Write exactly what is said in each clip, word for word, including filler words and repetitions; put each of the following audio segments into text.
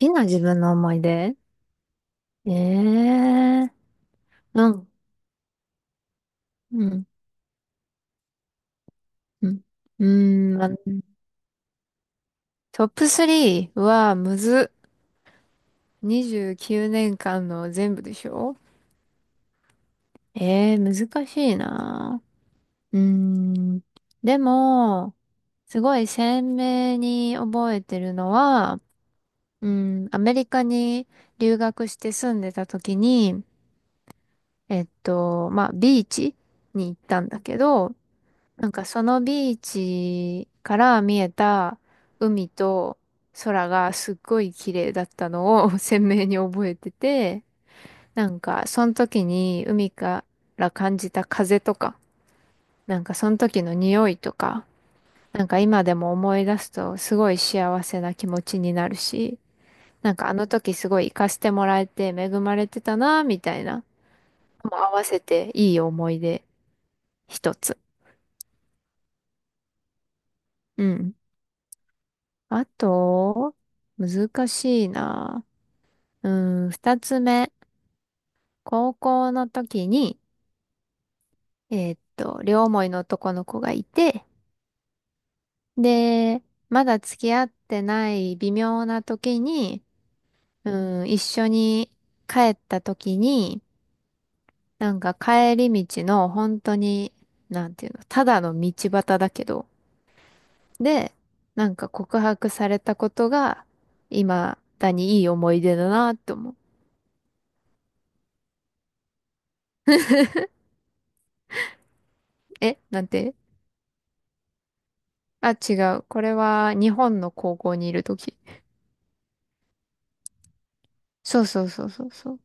きな自分の思い出。ええーうん、うん、うん。うーん、まトップスリーはむずっ。にじゅうきゅうねんかんの全部でしょ？ええー難しいな。うーん。でも、すごい鮮明に覚えてるのは、うん、アメリカに留学して住んでた時に、えっと、まあ、ビーチに行ったんだけど、なんかそのビーチから見えた海と空がすっごい綺麗だったのを 鮮明に覚えてて、なんかその時に海から感じた風とか、なんかその時の匂いとか、なんか今でも思い出すとすごい幸せな気持ちになるし、なんかあの時すごい行かせてもらえて恵まれてたなみたいな、もう合わせていい思い出一つ。うん、あと、難しいな。うん、二つ目。高校の時に、えーっと、両思いの男の子がいて、で、まだ付き合ってない微妙な時に、うん、一緒に帰った時に、なんか帰り道の本当に、なんていうの、ただの道端だけど、で、なんか告白されたことが、今だにいい思い出だなって思う。え、なんて、あ、違う。これは日本の高校にいるとき。そうそうそうそうそう。っ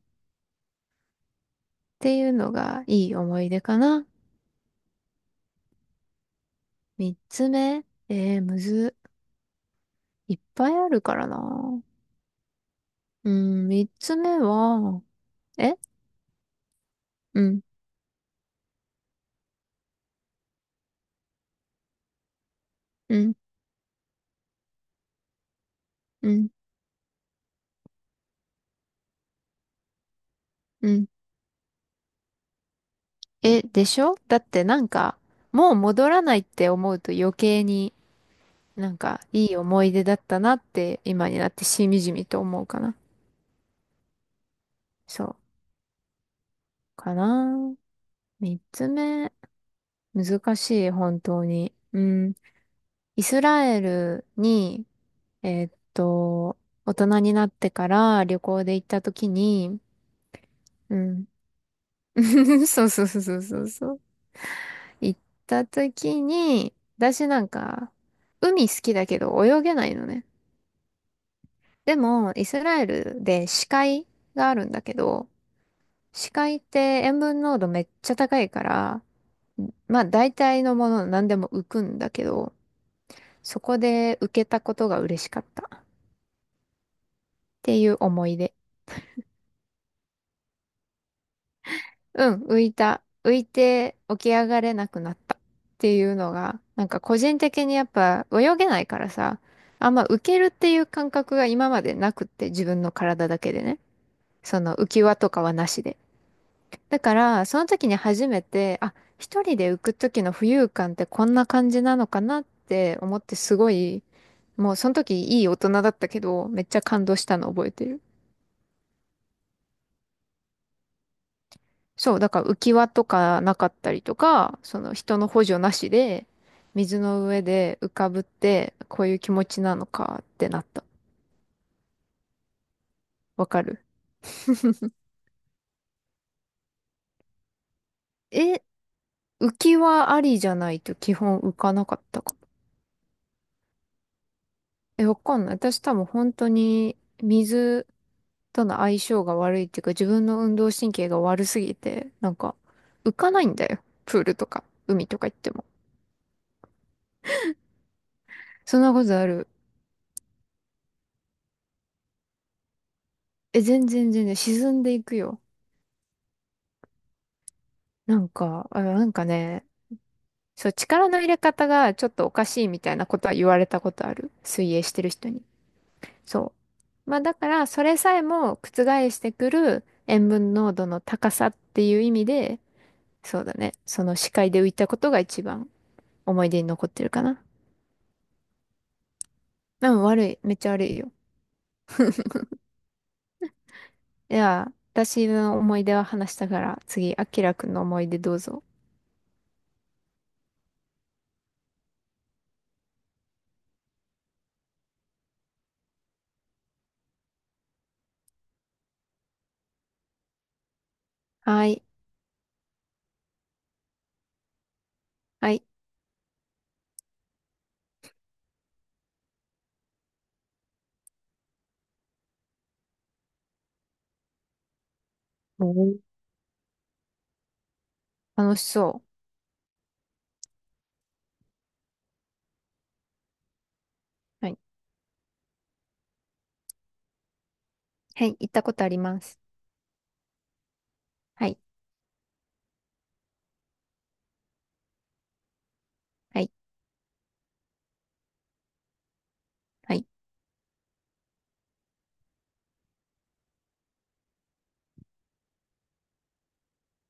ていうのがいい思い出かな。三つ目。えー、むず。いっぱいあるからな。うん、三つ目は、え、うん、うん、うん、うん。え、でしょ？だってなんか、もう戻らないって思うと余計になんかいい思い出だったなって今になってしみじみと思うかな。そう。かな。三つ目。難しい、本当に。うん。イスラエルに、えーっと、大人になってから旅行で行った時に、うん。そうそうそうそうそうそう。行った時に、私なんか、海好きだけど泳げないのね。でも、イスラエルで死海があるんだけど、死海って塩分濃度めっちゃ高いから、まあ大体のもの何でも浮くんだけど、そこで浮けたことが嬉しかったっていう思い出。うん、浮いた。浮いて起き上がれなくなったっていうのが、なんか個人的にやっぱ泳げないからさ、あんま浮けるっていう感覚が今までなくって自分の体だけでね。その浮き輪とかはなしで。だから、その時に初めて、あ、一人で浮く時の浮遊感ってこんな感じなのかなって思ってすごい、もうその時いい大人だったけど、めっちゃ感動したの覚えてる。そう、だから浮き輪とかなかったりとか、その人の補助なしで、水の上で浮かぶって、こういう気持ちなのかってなった。わかる？ え、浮き輪ありじゃないと基本浮かなかったかも。え、わかんない。私多分本当に水との相性が悪いっていうか、自分の運動神経が悪すぎて、なんか浮かないんだよ。プールとか、海とか行っても。そんなことある。え、全然全然沈んでいくよ。なんか、あ、なんかね、そう、力の入れ方がちょっとおかしいみたいなことは言われたことある。水泳してる人に。そう。まあだから、それさえも覆してくる塩分濃度の高さっていう意味で、そうだね。その視界で浮いたことが一番思い出に残ってるかな。うん、悪い。めっちゃ悪いよ。いや、私の思い出は話したから、次、あきらくんの思い出どうぞ。はい。はい。おー、楽しそう。はい。はい。行ったことあります。はい。はい。はい。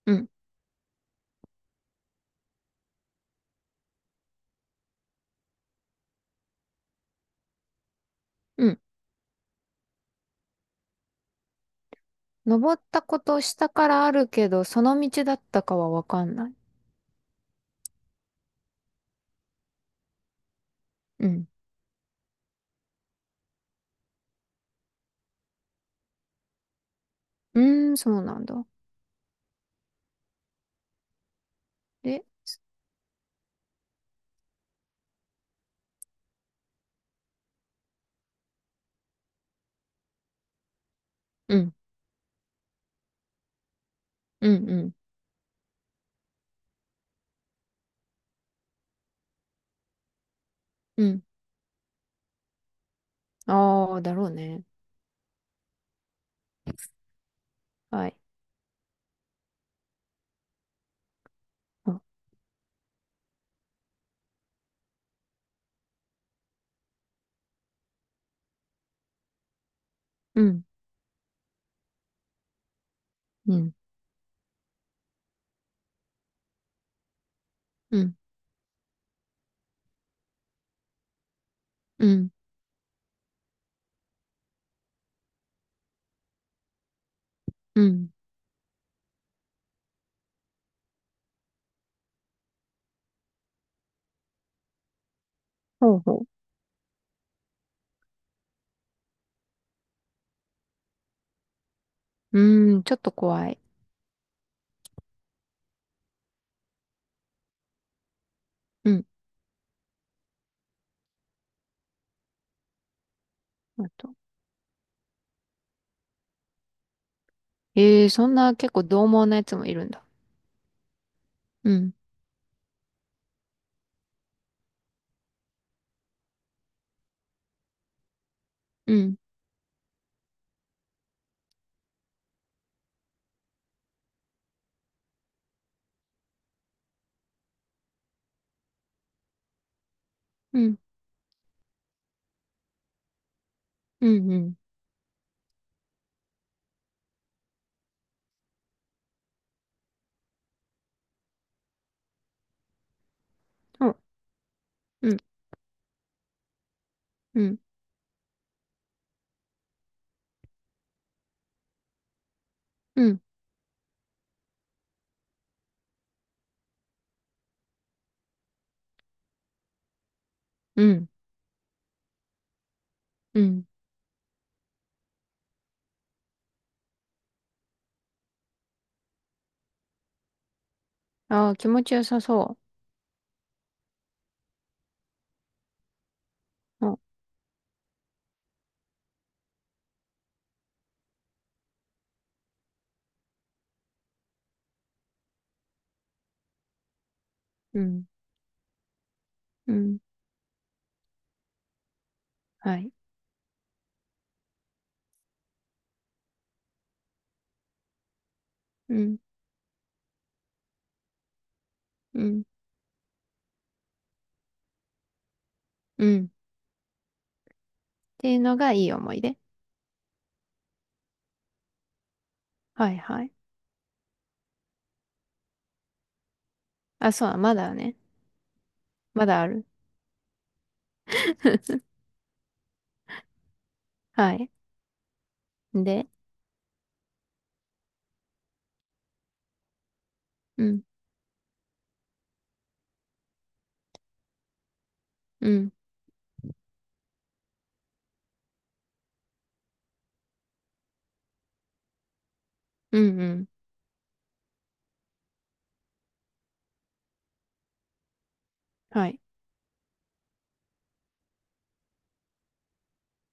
うん。うん、登ったこと下からあるけど、その道だったかはわかんない。うん。うーん、そうなんだ。で、うん、うん、うん、うん。ああ、だろうね。はい。あうん、うん、うん、うん、うん。ほうほう。うーん、ちょっと怖い。うん。あと。ええー、そんな結構獰猛なやつもいるんだ。うん、うん、うん、うん、うん。そう、うん、うん、うん、うん、うん。ああ、気持ちよさそう。ほうんうん、うん。はい。うん、うん、うん。ていうのがいい思い出。はいはい。あ、そうだ、まだね。まだある。はい。で、うん、うん、うん、うん。はい。